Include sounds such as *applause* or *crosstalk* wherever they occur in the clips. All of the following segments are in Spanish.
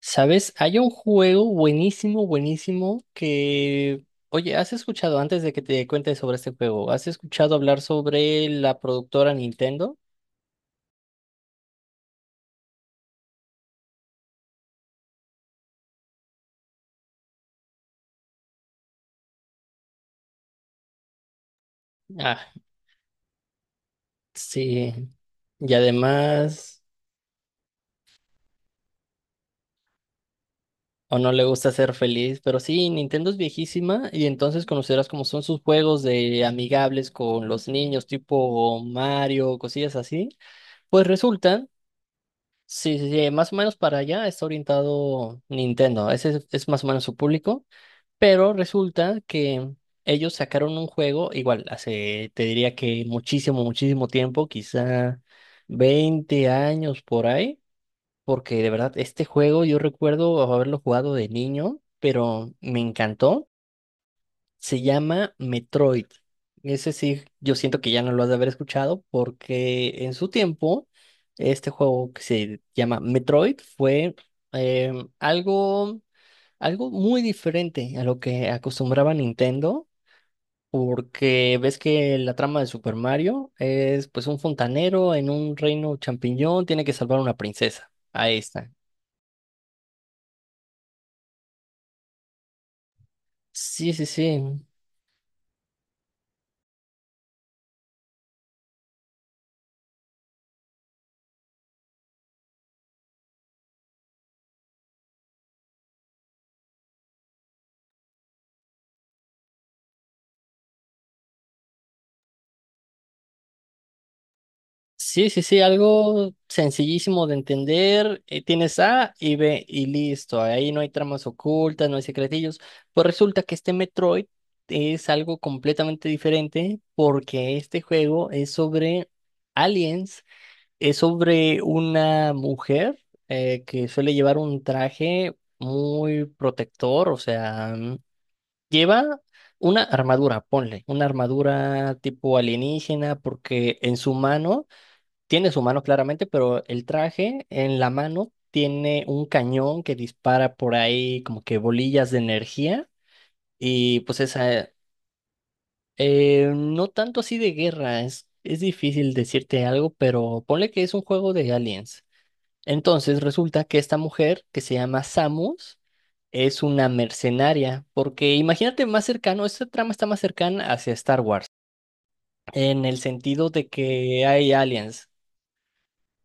¿Sabes? Hay un juego buenísimo, buenísimo que... Oye, ¿has escuchado antes de que te cuente sobre este juego? ¿Has escuchado hablar sobre la productora Nintendo? Ah, sí. Y además, o no le gusta ser feliz, pero sí, Nintendo es viejísima y entonces conocerás cómo son sus juegos de amigables con los niños, tipo Mario, cosillas así. Pues resulta, sí, sí, sí, más o menos para allá está orientado Nintendo. Ese es más o menos su público. Pero resulta que ellos sacaron un juego, igual, hace, te diría que muchísimo, muchísimo tiempo, quizá 20 años por ahí, porque de verdad este juego yo recuerdo haberlo jugado de niño, pero me encantó. Se llama Metroid. Ese sí, yo siento que ya no lo has de haber escuchado porque en su tiempo este juego que se llama Metroid fue algo muy diferente a lo que acostumbraba Nintendo, porque ves que la trama de Super Mario es pues un fontanero en un reino champiñón, tiene que salvar a una princesa. Ahí está. Sí, sí, sí. Sí, sí, sí, algo sencillísimo de entender. Tienes A y B y listo. Ahí no hay tramas ocultas, no hay secretillos. Pues resulta que este Metroid es algo completamente diferente porque este juego es sobre aliens. Es sobre una mujer que suele llevar un traje muy protector, o sea, mm, lleva una armadura, ponle, una armadura tipo alienígena, porque en su mano, tiene su mano claramente, pero el traje en la mano tiene un cañón que dispara por ahí como que bolillas de energía y pues esa, no tanto así de guerra, es difícil decirte algo, pero ponle que es un juego de aliens. Entonces resulta que esta mujer, que se llama Samus, es una mercenaria, porque imagínate más cercano, esta trama está más cercana hacia Star Wars, en el sentido de que hay aliens.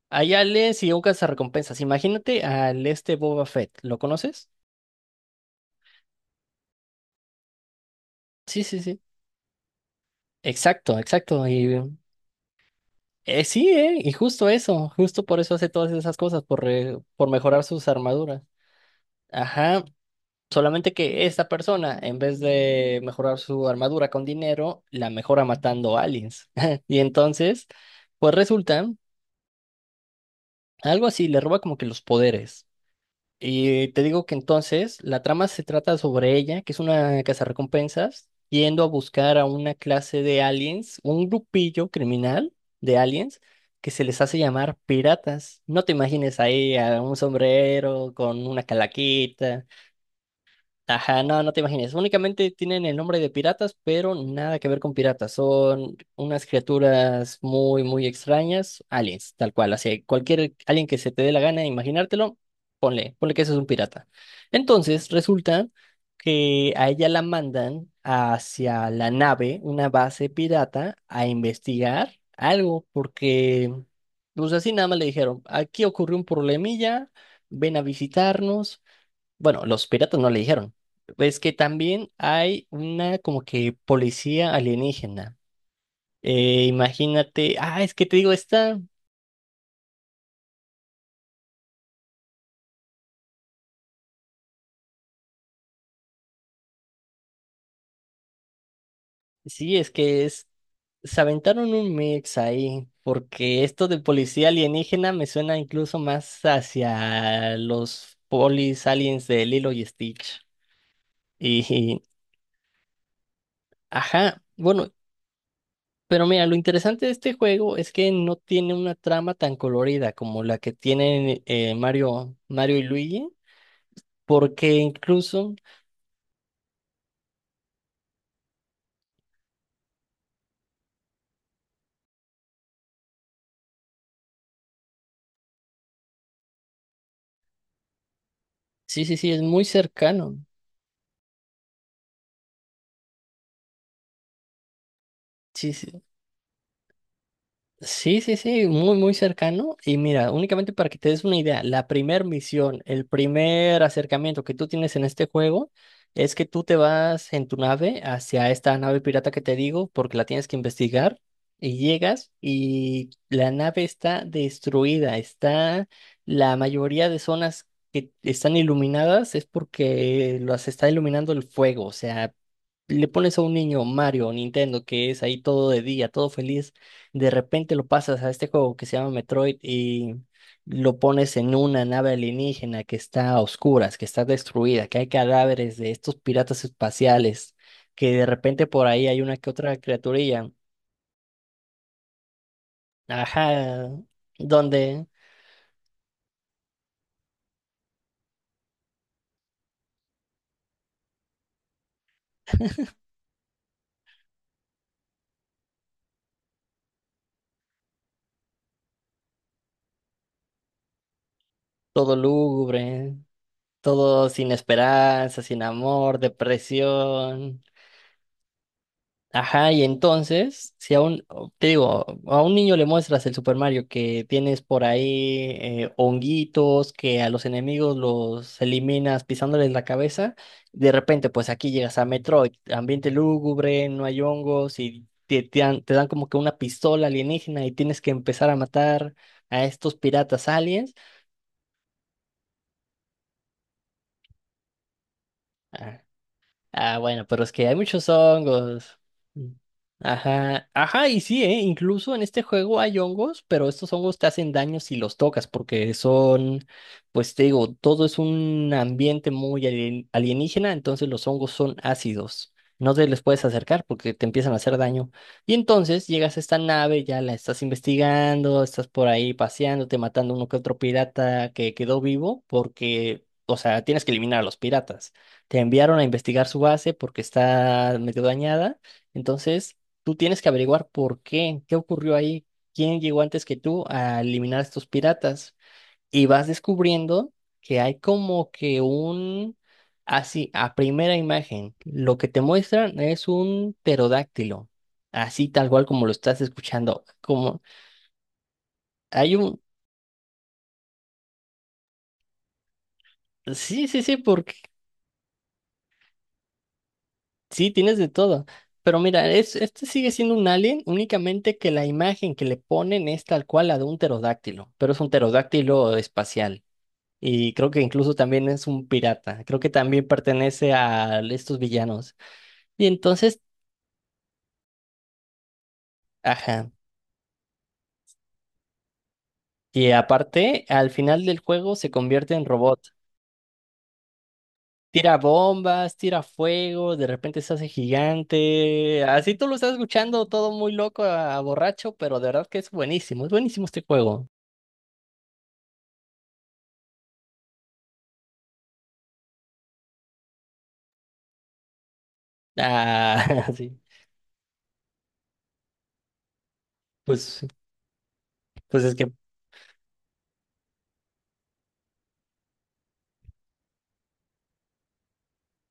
Hay aliens y un recompensas. Imagínate al este Boba Fett, ¿lo conoces? Sí, sí, sí. Exacto, exacto. Y sí, y justo eso, justo por eso hace todas esas cosas, por, por mejorar sus armaduras. Ajá, solamente que esta persona, en vez de mejorar su armadura con dinero, la mejora matando aliens. *laughs* Y entonces, pues resulta, algo así, le roba como que los poderes. Y te digo que entonces la trama se trata sobre ella, que es una cazarrecompensas, yendo a buscar a una clase de aliens, un grupillo criminal de aliens, que se les hace llamar piratas. No te imagines ahí a un sombrero con una calaquita. Ajá, no, no te imagines. Únicamente tienen el nombre de piratas, pero nada que ver con piratas. Son unas criaturas muy, muy extrañas, aliens, tal cual. Así, cualquier alien que se te dé la gana de imaginártelo, ponle, ponle que eso es un pirata. Entonces, resulta que a ella la mandan hacia la nave, una base pirata, a investigar algo, porque, pues así nada más le dijeron, aquí ocurrió un problemilla, ven a visitarnos. Bueno, los piratas no le dijeron. Es que también hay una como que policía alienígena. Imagínate, ah, es que te digo, esta, sí, se aventaron un mix ahí, porque esto de policía alienígena me suena incluso más hacia los polis aliens de Lilo y Stitch. Y, ajá, bueno, pero mira, lo interesante de este juego es que no tiene una trama tan colorida como la que tienen Mario, y Luigi. Porque incluso, sí, sí, sí, es muy cercano. Sí, sí. Sí, sí, sí, muy, muy cercano. Y mira, únicamente para que te des una idea, la primer misión, el primer acercamiento que tú tienes en este juego es que tú te vas en tu nave hacia esta nave pirata que te digo, porque la tienes que investigar y llegas y la nave está destruida, está la mayoría de zonas que están iluminadas es porque las está iluminando el fuego, o sea, le pones a un niño Mario, Nintendo, que es ahí todo de día, todo feliz, de repente lo pasas a este juego que se llama Metroid y lo pones en una nave alienígena que está a oscuras, que está destruida, que hay cadáveres de estos piratas espaciales, que de repente por ahí hay una que otra criaturilla, ajá, donde todo lúgubre, todo sin esperanza, sin amor, depresión. Ajá, y entonces, si a un, te digo, a un niño le muestras el Super Mario que tienes por ahí honguitos, que a los enemigos los eliminas pisándoles la cabeza, de repente pues aquí llegas a Metroid, ambiente lúgubre, no hay hongos y te dan, como que una pistola alienígena y tienes que empezar a matar a estos piratas aliens. Ah, ah, bueno, pero es que hay muchos hongos. Mm. Ajá, ajá, y sí, ¿eh? Incluso en este juego hay hongos, pero estos hongos te hacen daño si los tocas, porque son, pues te digo, todo es un ambiente muy alienígena, entonces los hongos son ácidos. No te les puedes acercar porque te empiezan a hacer daño. Y entonces llegas a esta nave, ya la estás investigando, estás por ahí paseándote, matando uno que otro pirata que quedó vivo, porque, o sea, tienes que eliminar a los piratas, te enviaron a investigar su base porque está medio dañada. Entonces, tú tienes que averiguar por qué, qué ocurrió ahí, quién llegó antes que tú a eliminar a estos piratas. Y vas descubriendo que hay como que un, así, a primera imagen, lo que te muestran es un pterodáctilo, así tal cual como lo estás escuchando, como hay un... Sí, sí, sí, sí, tienes de todo. Pero mira, es, este sigue siendo un alien, únicamente que la imagen que le ponen es tal cual la de un pterodáctilo, pero es un pterodáctilo espacial. Y creo que incluso también es un pirata. Creo que también pertenece a estos villanos. Y entonces, ajá. Y aparte, al final del juego se convierte en robot. Tira bombas, tira fuego, de repente se hace gigante. Así tú lo estás escuchando todo muy loco a borracho, pero de verdad que es buenísimo. Es buenísimo este juego. Ah, *laughs* sí. Pues, pues es que,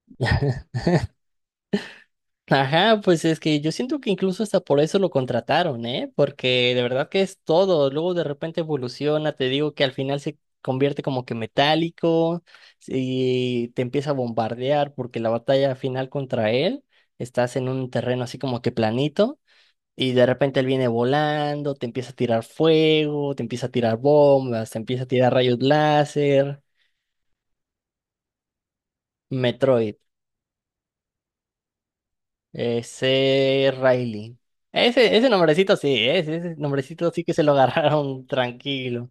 *laughs* ajá, pues es que yo siento que incluso hasta por eso lo contrataron, ¿eh? Porque de verdad que es todo. Luego de repente evoluciona, te digo que al final se convierte como que metálico y te empieza a bombardear porque la batalla final contra él, estás en un terreno así como que planito y de repente él viene volando, te empieza a tirar fuego, te empieza a tirar bombas, te empieza a tirar rayos láser. Metroid. Ese Riley. Ese nombrecito sí, ¿eh? Ese nombrecito sí que se lo agarraron *laughs* tranquilo.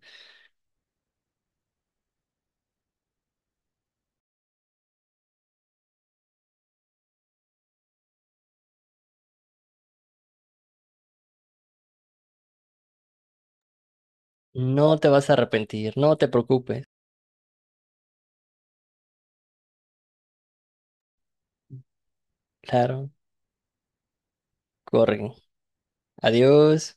No te vas a arrepentir, no te preocupes. Claro, corren. Adiós.